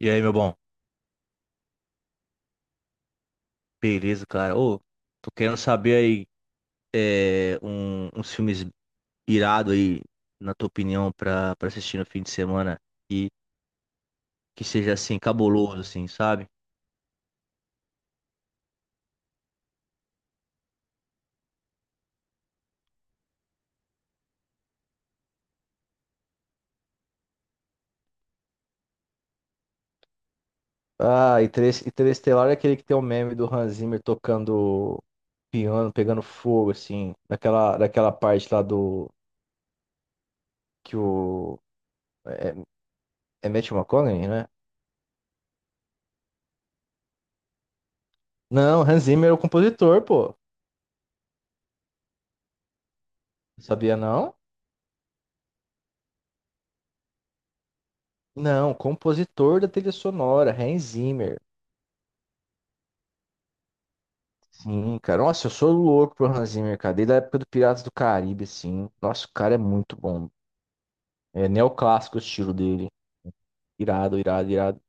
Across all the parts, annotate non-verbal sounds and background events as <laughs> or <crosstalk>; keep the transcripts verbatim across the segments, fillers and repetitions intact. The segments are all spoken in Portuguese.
E aí, meu bom? Beleza, cara? Ô, tô querendo saber aí é, um- uns filmes irado aí, na tua opinião, pra, pra assistir no fim de semana e que seja assim, cabuloso, assim, sabe? Ah, Interes- Interestelar é aquele que tem o meme do Hans Zimmer tocando piano, pegando fogo, assim, naquela daquela parte lá do que o. É, é Matthew McConaughey, né? Não, Hans Zimmer é o compositor, pô. Sabia não? Não, compositor da trilha sonora, Hans Zimmer. Sim, cara. Nossa, eu sou louco pro Hans Zimmer, cara. Desde a época do Piratas do Caribe, assim. Nossa, o cara é muito bom. É neoclássico o estilo dele. Irado, irado, irado.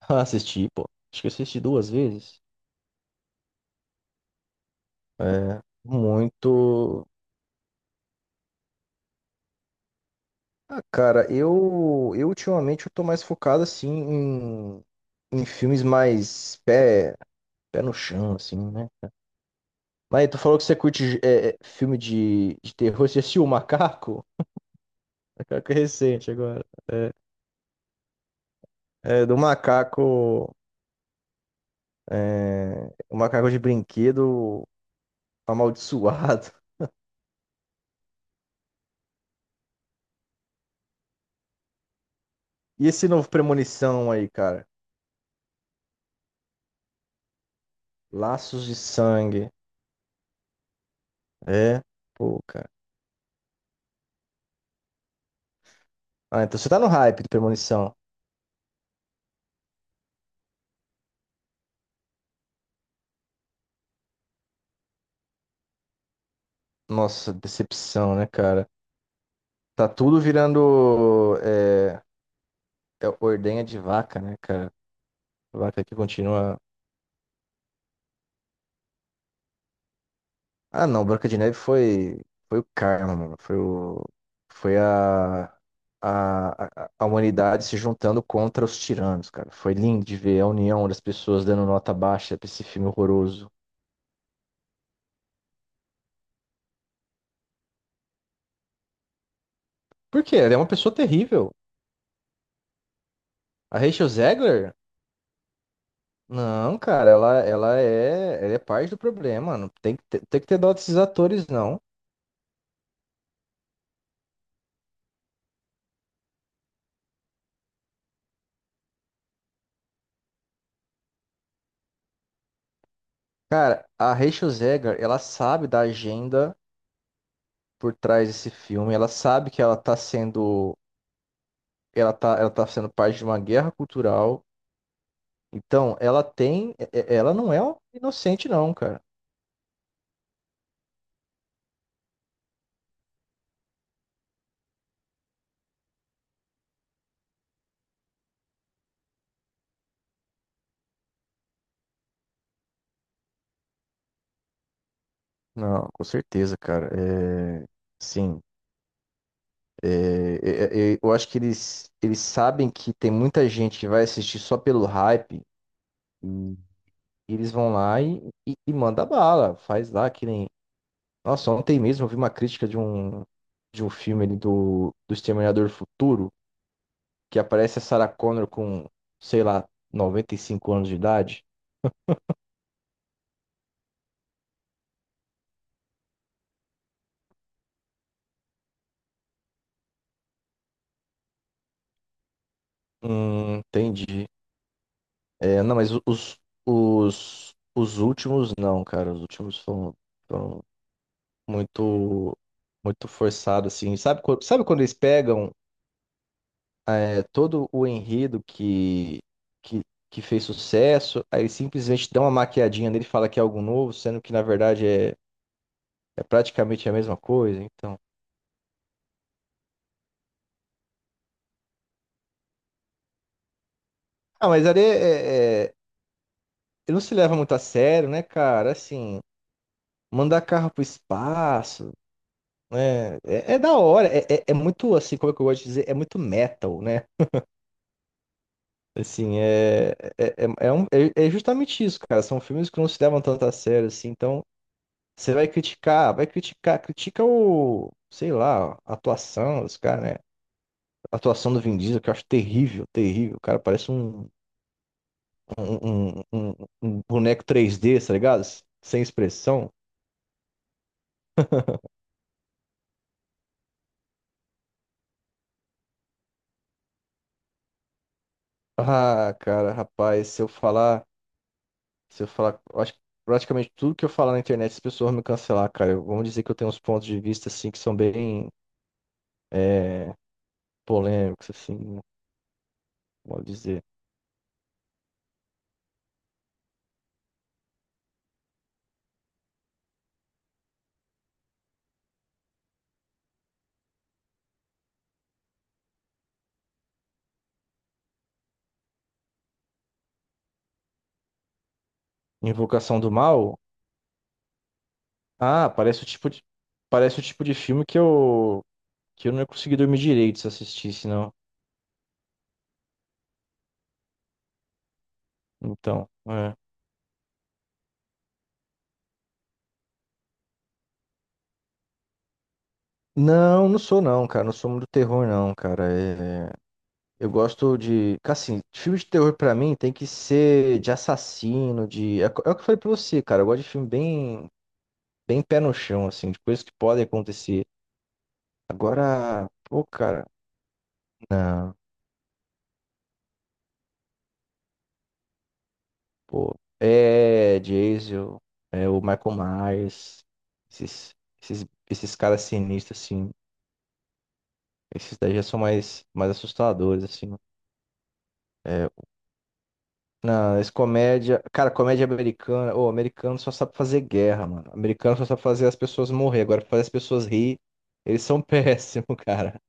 <laughs> Assisti, pô. Acho que eu assisti duas vezes. É, muito. Ah, cara, eu, eu ultimamente eu tô mais focado, assim, em, em filmes mais pé, pé no chão, assim, né? Mas tu falou que você curte é, é, filme de, de terror. Você assistiu O Macaco? <laughs> O Macaco é recente agora. É, do Macaco. É, o macaco de brinquedo amaldiçoado. <laughs> E esse novo Premonição aí, cara? Laços de sangue. É? Pô, cara. Ah, então você tá no hype do Premonição. Nossa, decepção, né, cara? Tá tudo virando é, é, ordenha de vaca, né, cara? Vaca que continua. Ah, não, Branca de Neve foi, foi o karma, mano. Foi o, foi a, a, a a humanidade se juntando contra os tiranos, cara. Foi lindo de ver a união das pessoas dando nota baixa pra esse filme horroroso. Por quê? Ela é uma pessoa terrível. A Rachel Zegler? Não, cara, ela, ela é, ela é parte do problema, mano. Tem que ter, tem que ter dó desses atores, não. Cara, a Rachel Zegler, ela sabe da agenda por trás desse filme. Ela sabe que ela tá sendo ela tá, ela tá sendo parte de uma guerra cultural. Então, ela tem, é- é- ela não é um inocente, não, cara. Não, com certeza, cara. É, sim. É, é, é, é, eu acho que eles, eles sabem que tem muita gente que vai assistir só pelo hype e eles vão lá e, e, e manda bala, faz lá que nem. Nossa, ontem mesmo eu vi uma crítica de um, de um filme ali do, do Exterminador do Futuro, que aparece a Sarah Connor com, sei lá, noventa e cinco anos de idade. Hum, entendi. É, não, mas os, os, os últimos não, cara. Os últimos foram, foram muito, muito forçados, assim. Sabe, quando- sabe quando eles pegam é, todo o enredo que, que, que fez sucesso, aí eles simplesmente dão uma maquiadinha nele e fala que é algo novo, sendo que na verdade é, é praticamente a mesma coisa, então. Ah, mas ali é, é- é, ele não se leva muito a sério, né, cara? Assim, mandar carro pro espaço. É, é, é da hora, é, é, é muito assim, como é que eu gosto de dizer, é muito metal, né? Assim, é, é, é, é um- é- é justamente isso, cara. São filmes que não se levam tanto a sério, assim, então você vai criticar, vai criticar, critica o, sei lá, a atuação dos caras, né? A atuação do Vin Diesel, que eu acho terrível, terrível. O cara parece um, um, um, um- um boneco três D, tá ligado? Sem expressão. Ah, cara, rapaz, se eu falar. Se eu falar, eu acho que praticamente tudo que eu falar na internet, as pessoas vão me cancelar, cara. Eu- Vamos dizer que eu tenho uns pontos de vista, assim, que são bem é, polêmicos, assim, como eu vou dizer. Invocação do Mal? Ah, parece o tipo de, parece o tipo de filme que eu, que eu não ia conseguir dormir direito se assistisse, não. Então, é. Não, não sou não, cara. Não sou muito do terror, não, cara. É, eu gosto de. Assim, filme de terror pra mim tem que ser de assassino, de. É é o que eu falei pra você, cara. Eu gosto de filme bem bem pé no chão, assim, de coisas que podem acontecer. Agora, pô, cara, não, pô. É Jason, é o Michael Myers, esses, esses, esses caras sinistros, assim. Esses daí já são mais, mais assustadores, assim. É, não, esse comédia. Cara, comédia americana. O americano só sabe fazer guerra, mano. Americano só sabe fazer as pessoas morrer. Agora, fazer as pessoas rir, eles são <laughs> péssimos, cara.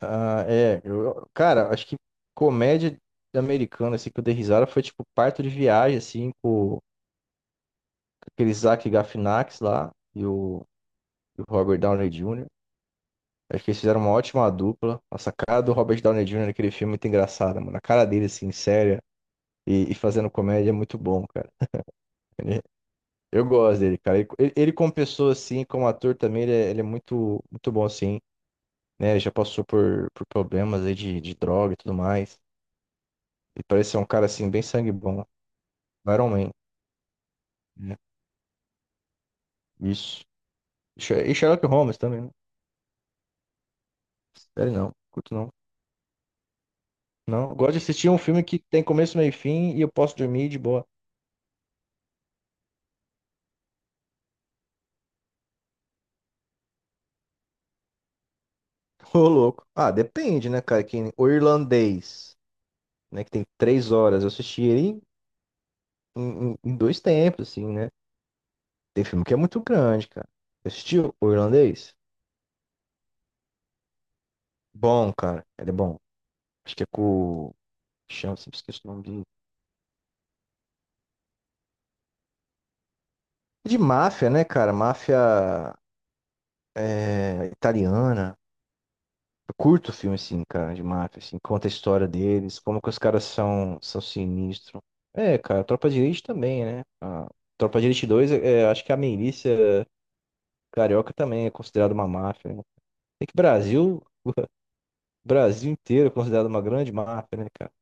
Ah, é. eu- cara, acho que comédia americana, assim, que eu dei risada foi tipo Parto de Viagem, assim, com aquele Zach Galifianakis lá e o, e o Robert Downey júnior Acho que eles fizeram uma ótima dupla. Nossa, a cara do Robert Downey júnior naquele filme é muito engraçada, mano. A cara dele, assim, séria e, e fazendo comédia é muito bom, cara. Ele- eu gosto dele, cara. Ele, ele ele como pessoa, assim, como ator também, ele é, ele é muito, muito bom, assim, né? Já passou por, por problemas aí de, de droga e tudo mais. E parece ser um cara, assim, bem sangue bom. O Iron Man, né? Isso. E Sher- e Sherlock Holmes também, né? Sério, não. Curto não. Não. Gosto de assistir um filme que tem começo, meio e fim e eu posso dormir de boa. <laughs> Ô, louco. Ah, depende, né, cara? Que o irlandês, né? Que tem três horas. Eu assisti ele em, em- em dois tempos, assim, né? Tem filme que é muito grande, cara. Você assistiu o irlandês? Bom, cara. Ele é bom. Acho que é com. o- Chama, sempre esqueço o nome dele. É de máfia, né, cara? Máfia é, italiana. Eu curto filme, assim, cara, de máfia, assim, conta a história deles, como que os caras são, são sinistros. É, cara, Tropa de Elite também, né? A Tropa de Elite dois, é, acho que a milícia carioca também é considerada uma máfia, né? É que Brasil, Brasil inteiro é considerado uma grande máfia, né, cara?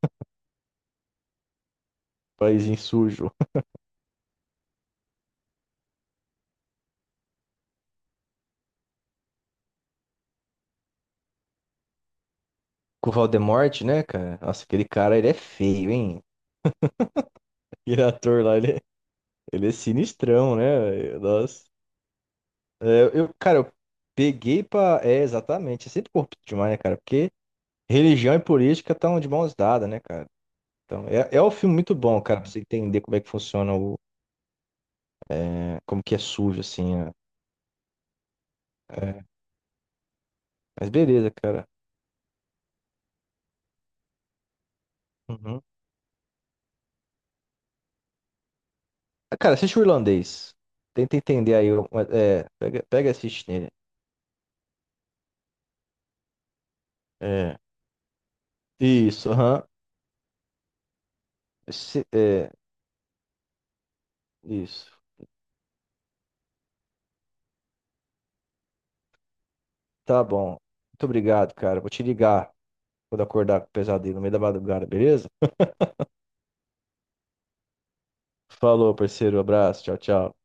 Paísinho sujo. Com o Valdemorte, né, cara? Nossa, aquele cara, ele é feio, hein? Aquele ator lá, ele é, ele é sinistrão, né? Nossa. É, eu, cara, eu peguei pra... É, exatamente. É sempre corrupto demais, né, cara? Porque religião e política estão de mãos dadas, né, cara? Então, é, é um filme muito bom, cara, pra você entender como é que funciona o, é, como que é sujo, assim. É. É, mas beleza, cara. Uhum. Ah, cara, assiste o irlandês. Tenta entender aí. o- É, é, pega, pega e assiste nele. É. Isso, aham. Se- É, isso. Tá bom. Muito obrigado, cara. Vou te ligar quando acordar com o pesadelo no meio da madrugada, beleza? Falou, parceiro. Abraço. Tchau, tchau.